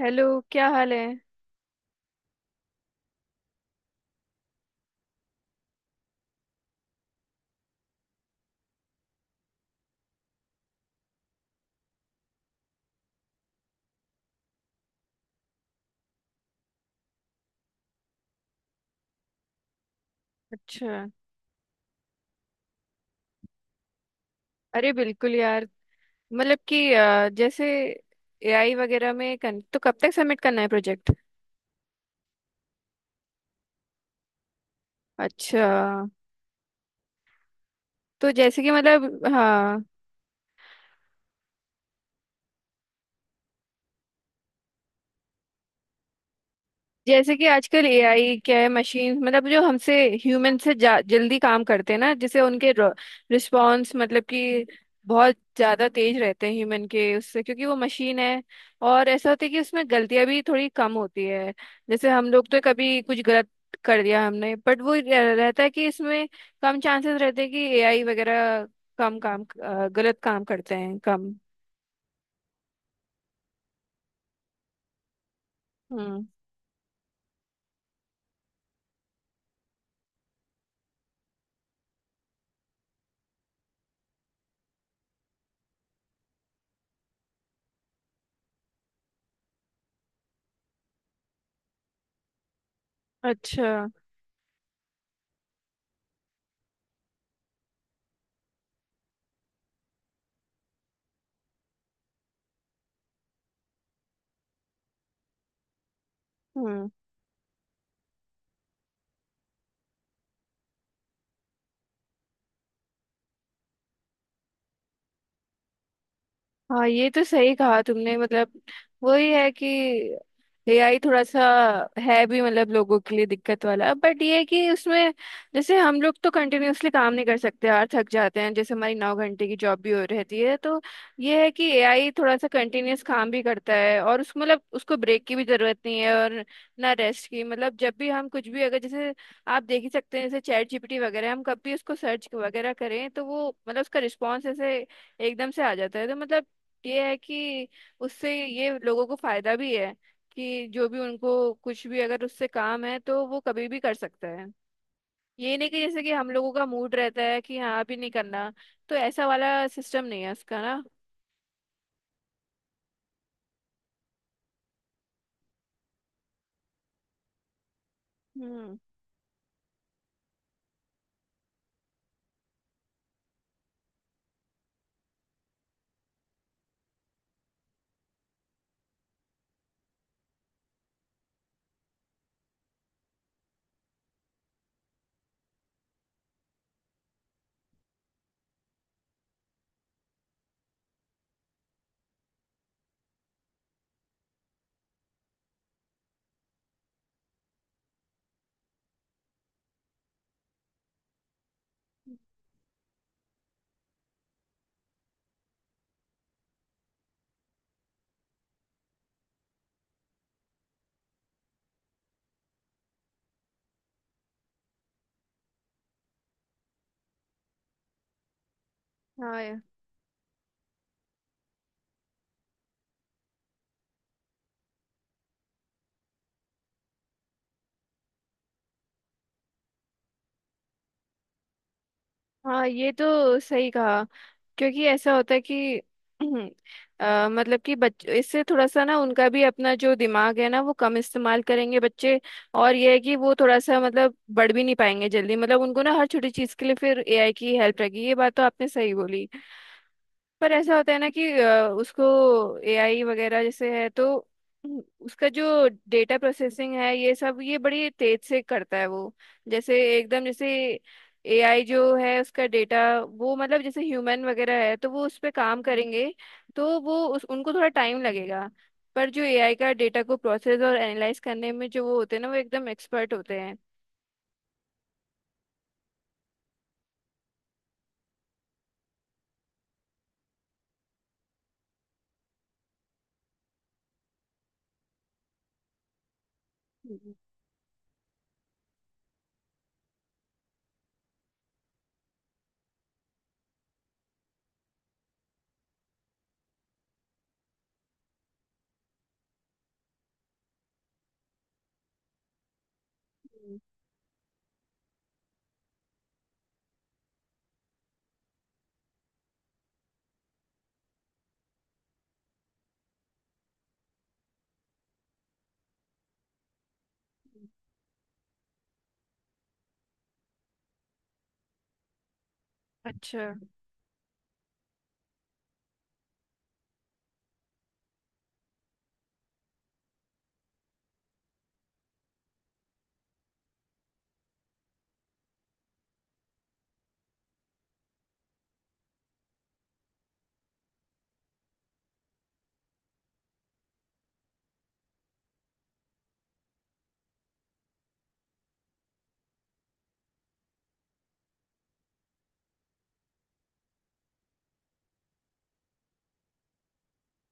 Hello. क्या हाल है? अच्छा, अरे बिल्कुल यार। मतलब कि जैसे एआई वगैरह में तो कब तक सबमिट करना है प्रोजेक्ट? अच्छा, तो जैसे कि मतलब हाँ, जैसे कि आजकल एआई क्या है? मशीन मतलब जो हमसे ह्यूमन से जल्दी काम करते हैं ना, जिसे उनके रिस्पॉन्स मतलब कि बहुत ज्यादा तेज रहते हैं ह्यूमन के उससे, क्योंकि वो मशीन है। और ऐसा होता है कि उसमें गलतियां भी थोड़ी कम होती है। जैसे हम लोग तो कभी कुछ गलत कर दिया हमने, बट वो रहता है कि इसमें कम चांसेस रहते हैं कि एआई वगैरह कम काम गलत काम करते हैं कम। हम्म। अच्छा। हम्म। हाँ, ये तो सही कहा तुमने। मतलब वही है कि एआई थोड़ा सा है भी मतलब लोगों के लिए दिक्कत वाला, बट ये है कि उसमें जैसे हम लोग तो कंटिन्यूअसली काम नहीं कर सकते यार, थक जाते हैं, जैसे हमारी नौ घंटे की जॉब भी हो रहती है, तो ये है कि एआई थोड़ा सा कंटिन्यूअस काम भी करता है और उसको मतलब उसको ब्रेक की भी जरूरत नहीं है और ना रेस्ट की। मतलब जब भी हम कुछ भी अगर जैसे आप देख ही सकते हैं, जैसे चैट जीपीटी वगैरह, हम कभी उसको सर्च वगैरह करें तो वो मतलब उसका रिस्पॉन्स ऐसे एकदम से आ जाता है। तो मतलब ये है कि उससे ये लोगों को फायदा भी है कि जो भी उनको कुछ भी अगर उससे काम है तो वो कभी भी कर सकता है। ये नहीं कि जैसे कि हम लोगों का मूड रहता है कि हाँ अभी नहीं करना, तो ऐसा वाला सिस्टम नहीं है उसका ना। हम्म। हाँ ये- हाँ, ये तो सही कहा। क्योंकि ऐसा होता है कि मतलब कि बच इससे थोड़ा सा ना उनका भी अपना जो दिमाग है ना वो कम इस्तेमाल करेंगे बच्चे। और ये है कि वो थोड़ा सा मतलब बढ़ भी नहीं पाएंगे जल्दी, मतलब उनको ना हर छोटी चीज के लिए फिर एआई की हेल्प रहेगी। ये बात तो आपने सही बोली। पर ऐसा होता है ना कि उसको एआई वगैरह जैसे है तो उसका जो डेटा प्रोसेसिंग है ये सब ये बड़ी तेज से करता है वो, जैसे एकदम जैसे एआई जो है उसका डेटा वो मतलब जैसे ह्यूमन वगैरह है तो वो उस पर काम करेंगे तो वो उस उनको थोड़ा टाइम लगेगा। पर जो एआई का डेटा को प्रोसेस और एनालाइज करने में जो वो होते हैं ना वो एकदम एक्सपर्ट होते हैं। हम्म, हम्म, हम्म। अच्छा।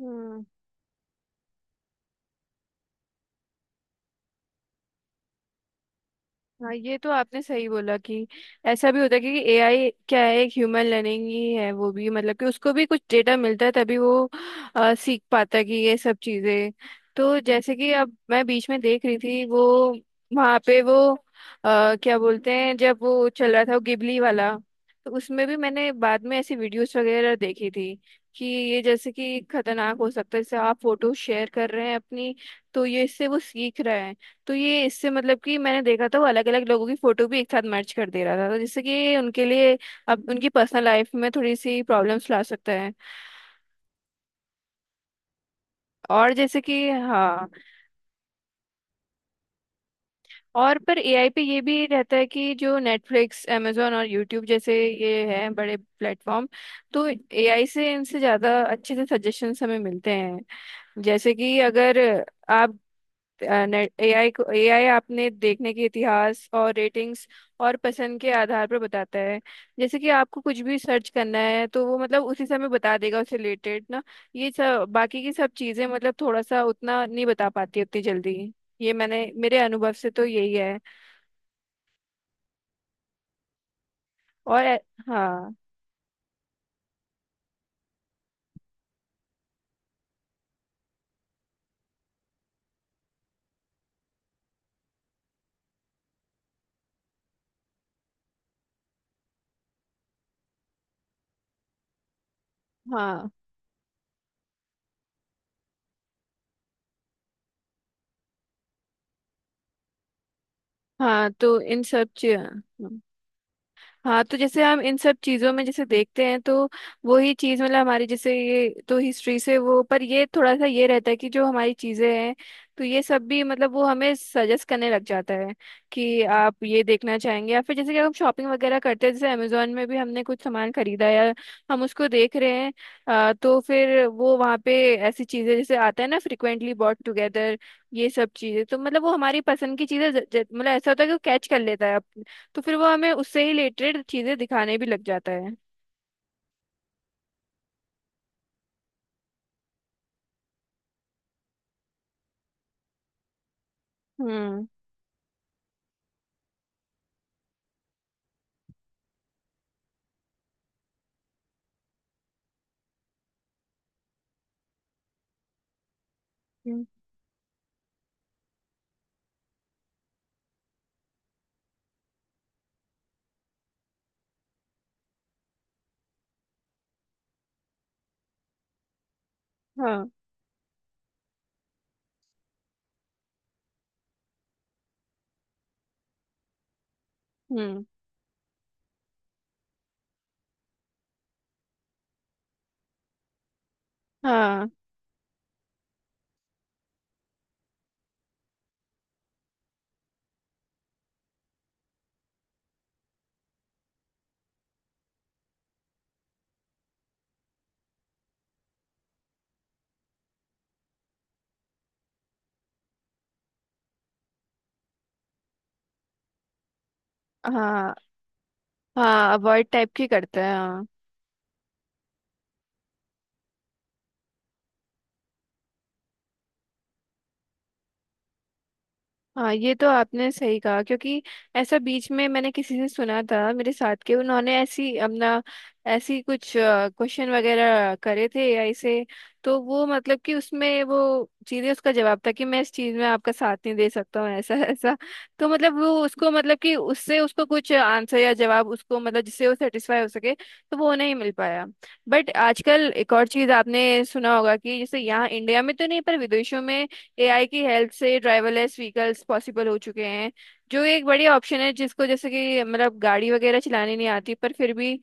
हम्म। हाँ, ये तो आपने सही बोला कि ऐसा भी होता है कि एआई क्या है? एक ह्यूमन लर्निंग ही है वो भी, मतलब कि उसको भी कुछ डेटा मिलता है तभी वो सीख पाता है कि ये सब चीजें। तो जैसे कि अब मैं बीच में देख रही थी वो, वहाँ पे वो क्या बोलते हैं जब वो चल रहा था वो गिबली वाला, तो उसमें भी मैंने बाद में ऐसी वीडियोस वगैरह देखी थी कि ये जैसे कि खतरनाक हो सकता है। जैसे आप फोटो शेयर कर रहे हैं अपनी, तो ये इससे वो सीख रहा है। तो ये इससे मतलब कि मैंने देखा था वो अलग अलग लोगों की फोटो भी एक साथ मर्ज कर दे रहा था, तो जिससे कि उनके लिए अब उनकी पर्सनल लाइफ में थोड़ी सी प्रॉब्लम्स ला सकता है। और जैसे कि हाँ, और पर एआई पे ये भी रहता है कि जो नेटफ्लिक्स amazon और यूट्यूब जैसे ये हैं बड़े प्लेटफॉर्म, तो एआई से इनसे ज़्यादा अच्छे से सजेशंस हमें मिलते हैं। जैसे कि अगर आप एआई को एआई आपने देखने के इतिहास और रेटिंग्स और पसंद के आधार पर बताता है। जैसे कि आपको कुछ भी सर्च करना है तो वो मतलब उसी समय बता देगा उससे रिलेटेड ना। ये सब बाकी की सब चीजें मतलब थोड़ा सा उतना नहीं बता पाती उतनी जल्दी। ये मैंने मेरे अनुभव से तो यही है। और ए- हाँ, हाँ, हाँ। तो इन सब चीज, हाँ, तो जैसे हम इन सब चीजों में जैसे देखते हैं, तो वही चीज मतलब हमारी जैसे ये तो हिस्ट्री से वो, पर ये थोड़ा सा ये रहता है कि जो हमारी चीजें हैं तो ये सब भी मतलब वो हमें सजेस्ट करने लग जाता है कि आप ये देखना चाहेंगे। या फिर जैसे कि हम शॉपिंग वगैरह करते हैं, जैसे अमेजोन में भी हमने कुछ सामान खरीदा या हम उसको देख रहे हैं, तो फिर वो वहाँ पे ऐसी चीजें जैसे आता है ना फ्रिक्वेंटली बॉट टुगेदर, ये सब चीजें तो मतलब वो हमारी पसंद की चीजें मतलब ऐसा होता है कि वो कैच कर लेता है। तो फिर वो हमें उससे ही रिलेटेड चीजें दिखाने भी लग जाता है। हम्म, हम्म, हाँ। हम्म। हाँ, हाँ, हाँ, अवॉइड टाइप की करते हैं हाँ। हाँ, ये तो आपने सही कहा। क्योंकि ऐसा बीच में मैंने किसी से सुना था, मेरे साथ के उन्होंने ऐसी अपना ऐसी कुछ क्वेश्चन वगैरह करे थे एआई से, तो वो मतलब कि उसमें वो सीधे उसका जवाब था कि मैं इस चीज में आपका साथ नहीं दे सकता हूँ ऐसा। ऐसा तो मतलब वो उसको मतलब कि उससे उसको कुछ आंसर या जवाब उसको मतलब जिससे वो सेटिस्फाई हो सके तो वो नहीं मिल पाया। बट आजकल एक और चीज आपने सुना होगा कि जैसे यहाँ इंडिया में तो नहीं पर विदेशों में एआई की हेल्प से ड्राइवरलेस व्हीकल्स पॉसिबल हो चुके हैं, जो एक बड़ी ऑप्शन है जिसको जैसे कि मतलब गाड़ी वगैरह चलानी नहीं आती पर फिर भी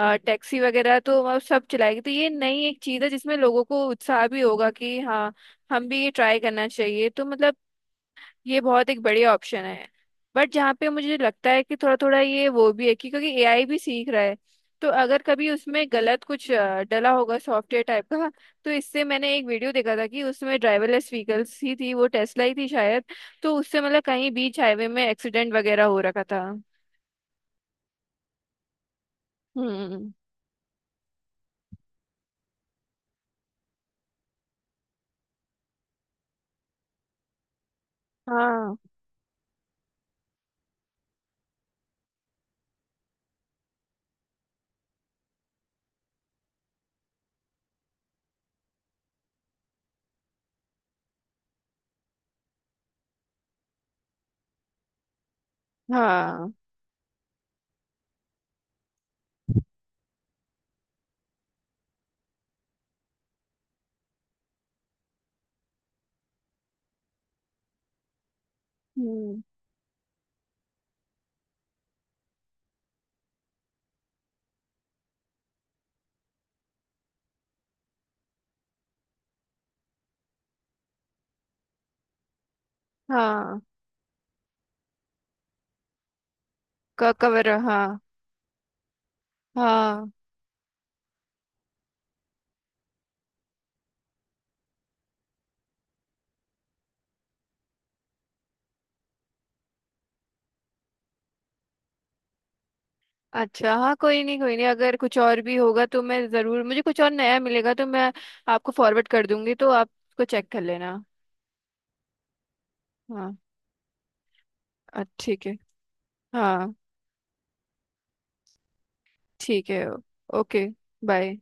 टैक्सी वगैरह तो अब सब चलाएगी। तो ये नई एक चीज़ है जिसमें लोगों को उत्साह भी होगा कि हाँ हम भी ये ट्राई करना चाहिए। तो मतलब ये बहुत एक बढ़िया ऑप्शन है। बट जहाँ पे मुझे लगता है कि थोड़ा थोड़ा ये वो भी है कि क्योंकि एआई भी सीख रहा है तो अगर कभी उसमें गलत कुछ डला होगा सॉफ्टवेयर टाइप का, तो इससे मैंने एक वीडियो देखा था कि उसमें ड्राइवरलेस व्हीकल्स ही थी, वो टेस्ला ही थी शायद, तो उससे मतलब कहीं बीच हाईवे में एक्सीडेंट वगैरह हो रखा था। हम्म। हाँ, हाँ। हम्म। हाँ का कवर, हाँ। हाँ, अच्छा, हाँ, कोई नहीं, कोई नहीं, अगर कुछ और भी होगा तो मैं ज़रूर, मुझे कुछ और नया मिलेगा तो मैं आपको फॉरवर्ड कर दूंगी तो आप उसको चेक कर लेना। हाँ, ठीक है। हाँ। ठीक है। ओके। बाय।